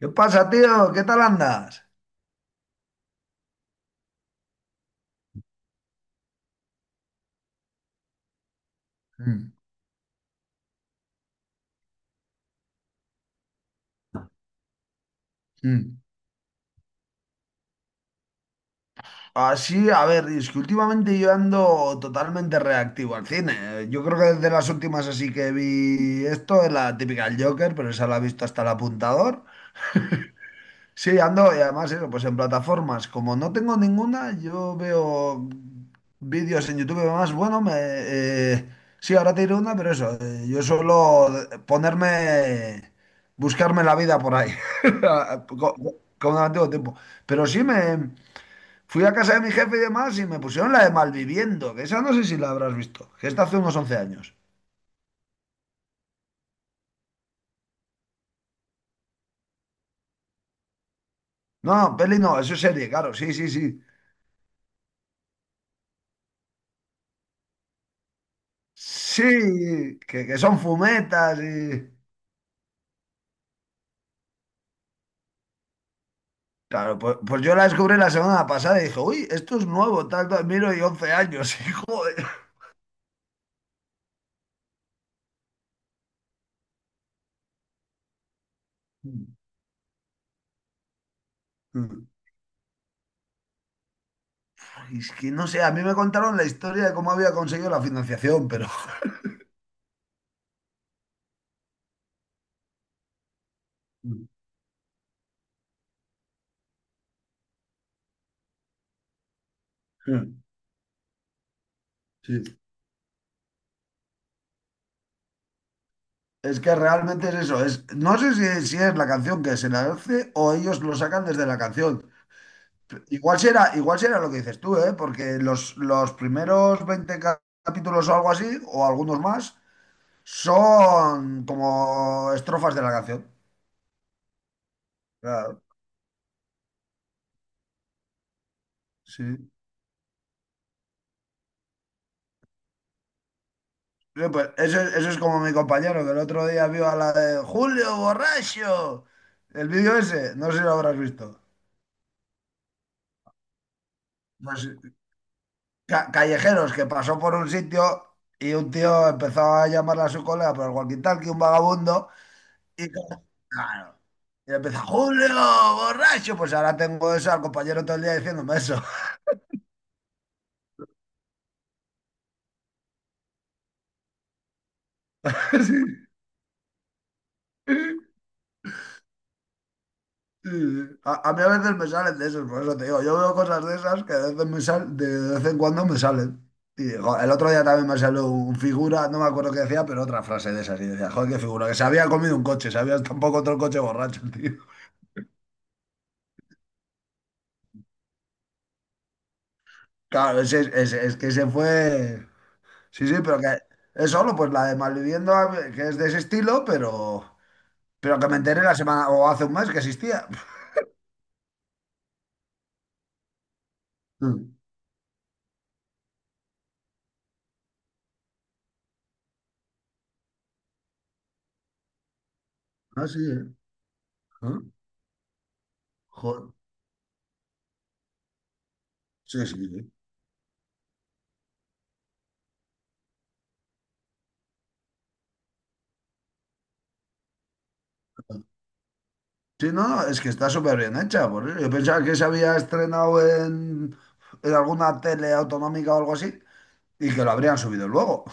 ¿Qué pasa, tío? ¿Qué tal andas? Mm. Mm. Así, a ver, es que últimamente yo ando totalmente reactivo al cine. Yo creo que desde las últimas así que vi esto, es la típica del Joker, pero esa la he visto hasta el apuntador. Sí, ando, y además eso, pues en plataformas, como no tengo ninguna, yo veo vídeos en YouTube y demás, bueno, sí, ahora te diré una, pero eso, yo suelo ponerme, buscarme la vida por ahí, co- como en antiguo tiempo. Pero sí, me fui a casa de mi jefe y demás y me pusieron la de Malviviendo, que esa no sé si la habrás visto, que está hace unos 11 años. No, peli no, eso es serie, claro, sí, sí, sí. Sí, que son fumetas y... Claro, pues, yo la descubrí la semana pasada y dije, uy, esto es nuevo, tal, tal, miro y 11 años, y joder. Y es que no sé, a mí me contaron la historia de cómo había conseguido la financiación, pero Mm. Mm. Sí. Es que realmente es eso. Es, no sé si es la canción que se la hace o ellos lo sacan desde la canción. Igual será lo que dices tú, ¿eh? Porque los primeros 20 capítulos o algo así, o algunos más, son como estrofas de la canción. Claro, sí. Sí, pues eso, eso es como mi compañero que el otro día vio a la de Julio Borracho. El vídeo ese, no sé si lo habrás visto. Pues, callejeros que pasó por un sitio y un tío empezó a llamarle a su colega por el walkie-talkie, un vagabundo, y claro, y empezó, Julio Borracho. Pues ahora tengo eso al compañero todo el día diciéndome eso. Sí, sí. A mí a veces me salen de esos, por eso te digo, yo veo cosas de esas que de vez en cuando me salen. Y jo, el otro día también me salió un figura, no me acuerdo qué decía, pero otra frase de esas. Y decía, joder, qué figura, que se había comido un coche, se había tampoco otro coche borracho, el tío. Claro, es que se fue. Sí, sí, pero que es solo pues la de Malviviendo, que es de ese estilo, pero que me enteré la semana o hace un mes que existía. Mm. Ah, sí, ¿eh? Ah, joder. Sí, sí, sí. Sí, no, no, es que está súper bien hecha, por eso. Yo pensaba que se había estrenado en alguna tele autonómica o algo así y que lo habrían subido luego.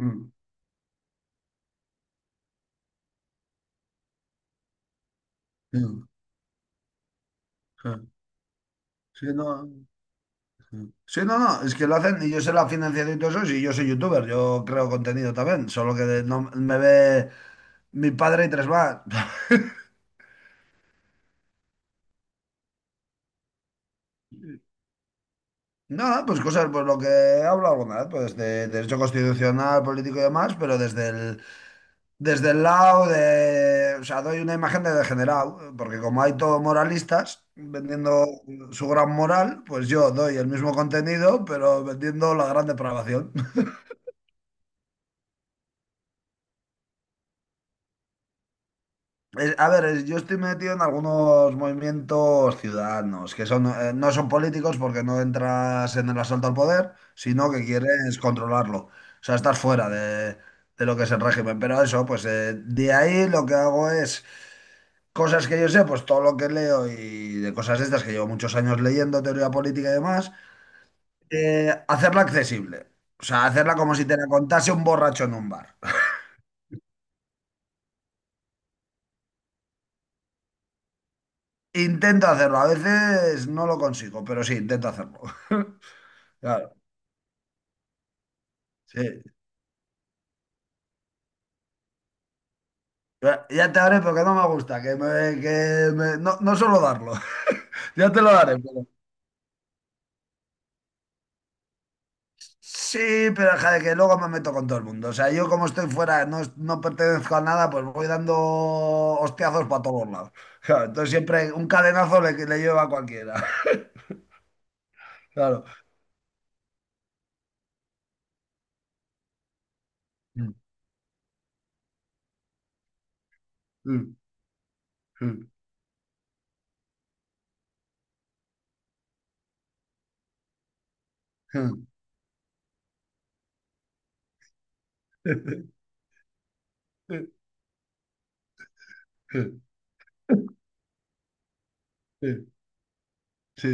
Mm, mm, mm. Sí, no. Mm. Sí, no, no, es que lo hacen y yo sé la financiación y todo eso, y yo soy youtuber, yo creo contenido también, solo que no me ve mi padre y tres más. Nada, pues cosas, pues lo que hablo alguna vez, pues de derecho constitucional, político y demás, pero desde el lado de, o sea, doy una imagen de degenerado, porque como hay todo moralistas vendiendo su gran moral, pues yo doy el mismo contenido, pero vendiendo la gran depravación. A ver, yo estoy metido en algunos movimientos ciudadanos, que son, no son políticos porque no entras en el asalto al poder, sino que quieres controlarlo. O sea, estás fuera de lo que es el régimen. Pero eso, pues de ahí lo que hago es. Cosas que yo sé, pues todo lo que leo y de cosas estas que llevo muchos años leyendo, teoría política y demás, hacerla accesible. O sea, hacerla como si te la contase un borracho en un bar. Intento hacerlo, a veces no lo consigo, pero sí, intento hacerlo. Claro, sí. Ya te haré porque no me gusta, no, no suelo darlo. Ya te lo daré. Sí, pero joder, que luego me meto con todo el mundo. O sea, yo como estoy fuera, no pertenezco a nada, pues voy dando hostiazos para todos lados. Claro, entonces siempre un cadenazo le lleva a cualquiera. Claro. Sí.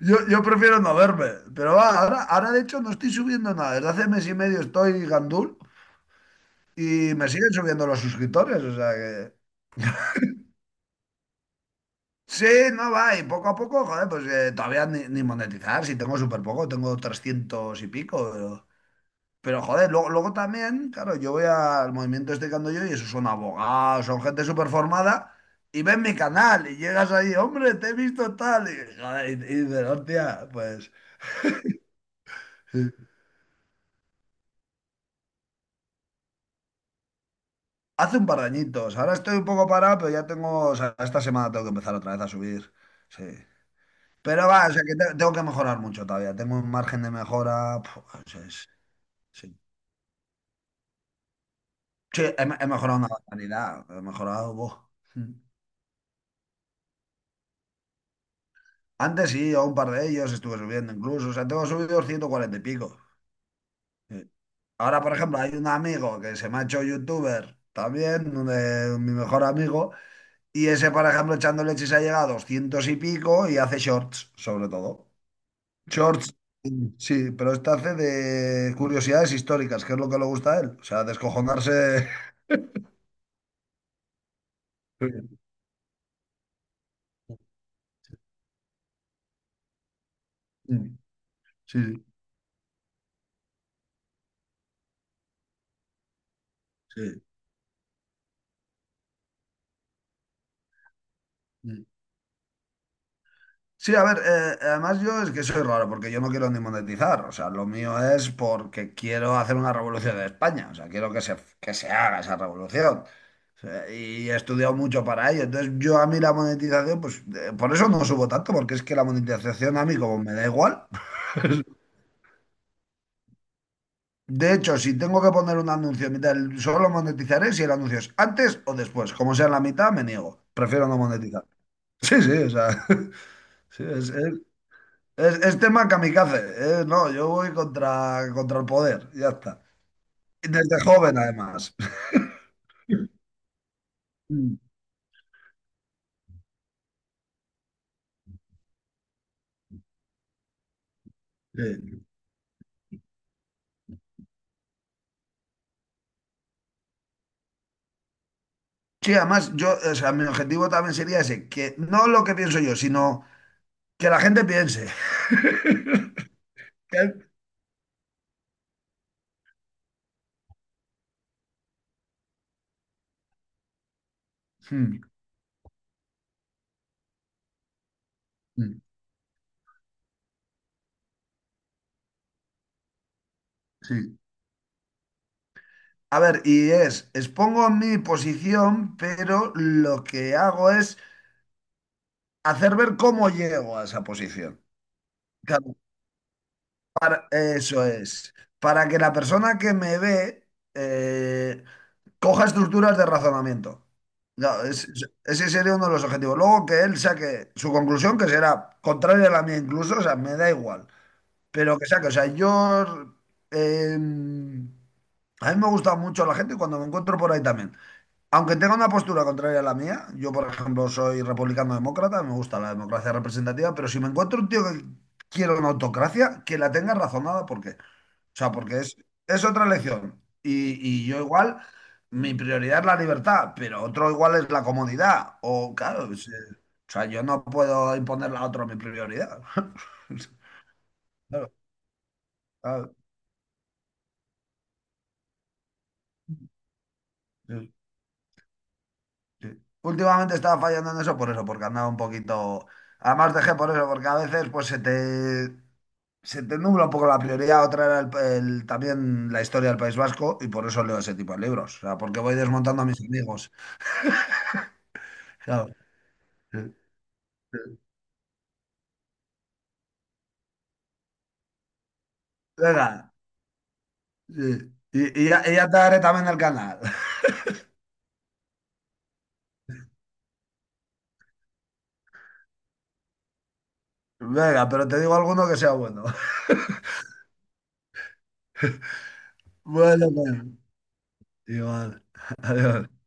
Yo prefiero no verme, pero va, ahora de hecho no estoy subiendo nada. Desde hace mes y medio estoy gandul y me siguen subiendo los suscriptores. O sea que. Sí, no va, y poco a poco, joder, pues todavía ni monetizar, si tengo súper poco, tengo 300 y pico, pero, joder, luego también, claro, yo voy al movimiento este que ando yo y esos son abogados, son gente súper formada y ven mi canal y llegas ahí, hombre, te he visto tal, y, joder, y dices, hostia, pues sí. Hace un par de añitos, ahora estoy un poco parado, pero ya tengo, o sea, esta semana tengo que empezar otra vez a subir, sí. Pero va, o sea, que tengo que mejorar mucho todavía, tengo un margen de mejora, puf, es- Sí, he mejorado una barbaridad, he mejorado. Buah. Mm. Antes sí, a un par de ellos estuve subiendo incluso, o sea, tengo subidos 140 y pico. Sí. Ahora, por ejemplo, hay un amigo que se me ha hecho youtuber también, mi mejor amigo, y ese, por ejemplo, echando leches ha llegado a 200 y pico y hace shorts, sobre todo. Shorts, sí, pero este hace de curiosidades históricas, que es lo que le gusta a él, o sea, descojonarse. Sí, sí, sí. Sí, a ver, además yo es que soy raro porque yo no quiero ni monetizar, o sea, lo mío es porque quiero hacer una revolución en España, o sea, quiero que se haga esa revolución. O sea, y he estudiado mucho para ello, entonces yo a mí la monetización, pues por eso no subo tanto, porque es que la monetización a mí como me da igual. De hecho, si tengo que poner un anuncio en mitad, solo monetizaré si el anuncio es antes o después, como sea en la mitad, me niego, prefiero no monetizar. Sí, sí, o sea, sí, es tema kamikaze, ¿eh? No, yo voy contra el poder, ya está. Y desde joven, además. Mm. Sí. Sí, además, yo, o sea, mi objetivo también sería ese, que no lo que pienso yo, sino que la gente piense. Que- Mm, mm. Sí. A ver, y expongo mi posición, pero lo que hago es hacer ver cómo llego a esa posición. Claro, eso es. Para que la persona que me ve, eh, coja estructuras de razonamiento. Ya, ese sería uno de los objetivos. Luego que él saque su conclusión, que será contraria a la mía incluso, o sea, me da igual, pero que saque, o sea, eh, a mí me gusta mucho la gente cuando me encuentro por ahí también. Aunque tenga una postura contraria a la mía, yo por ejemplo soy republicano demócrata, me gusta la democracia representativa, pero si me encuentro un tío que quiere una autocracia, que la tenga razonada, porque o sea, porque es otra elección. Y yo igual, mi prioridad es la libertad, pero otro igual es la comodidad. O claro, o sea, yo no puedo imponerle a otro mi prioridad. Claro, claro, sí, sí. Últimamente estaba fallando en eso por eso, porque andaba un poquito. Además dejé por eso, porque a veces pues se te nubla un poco la prioridad. Otra era también la historia del País Vasco y por eso leo ese tipo de libros. O sea, porque voy desmontando a mis amigos. Claro. Sí. Venga, sí. Y ya, y ya te daré también el canal. Venga, pero te digo alguno que sea bueno. Bueno, pues, igual. Adiós.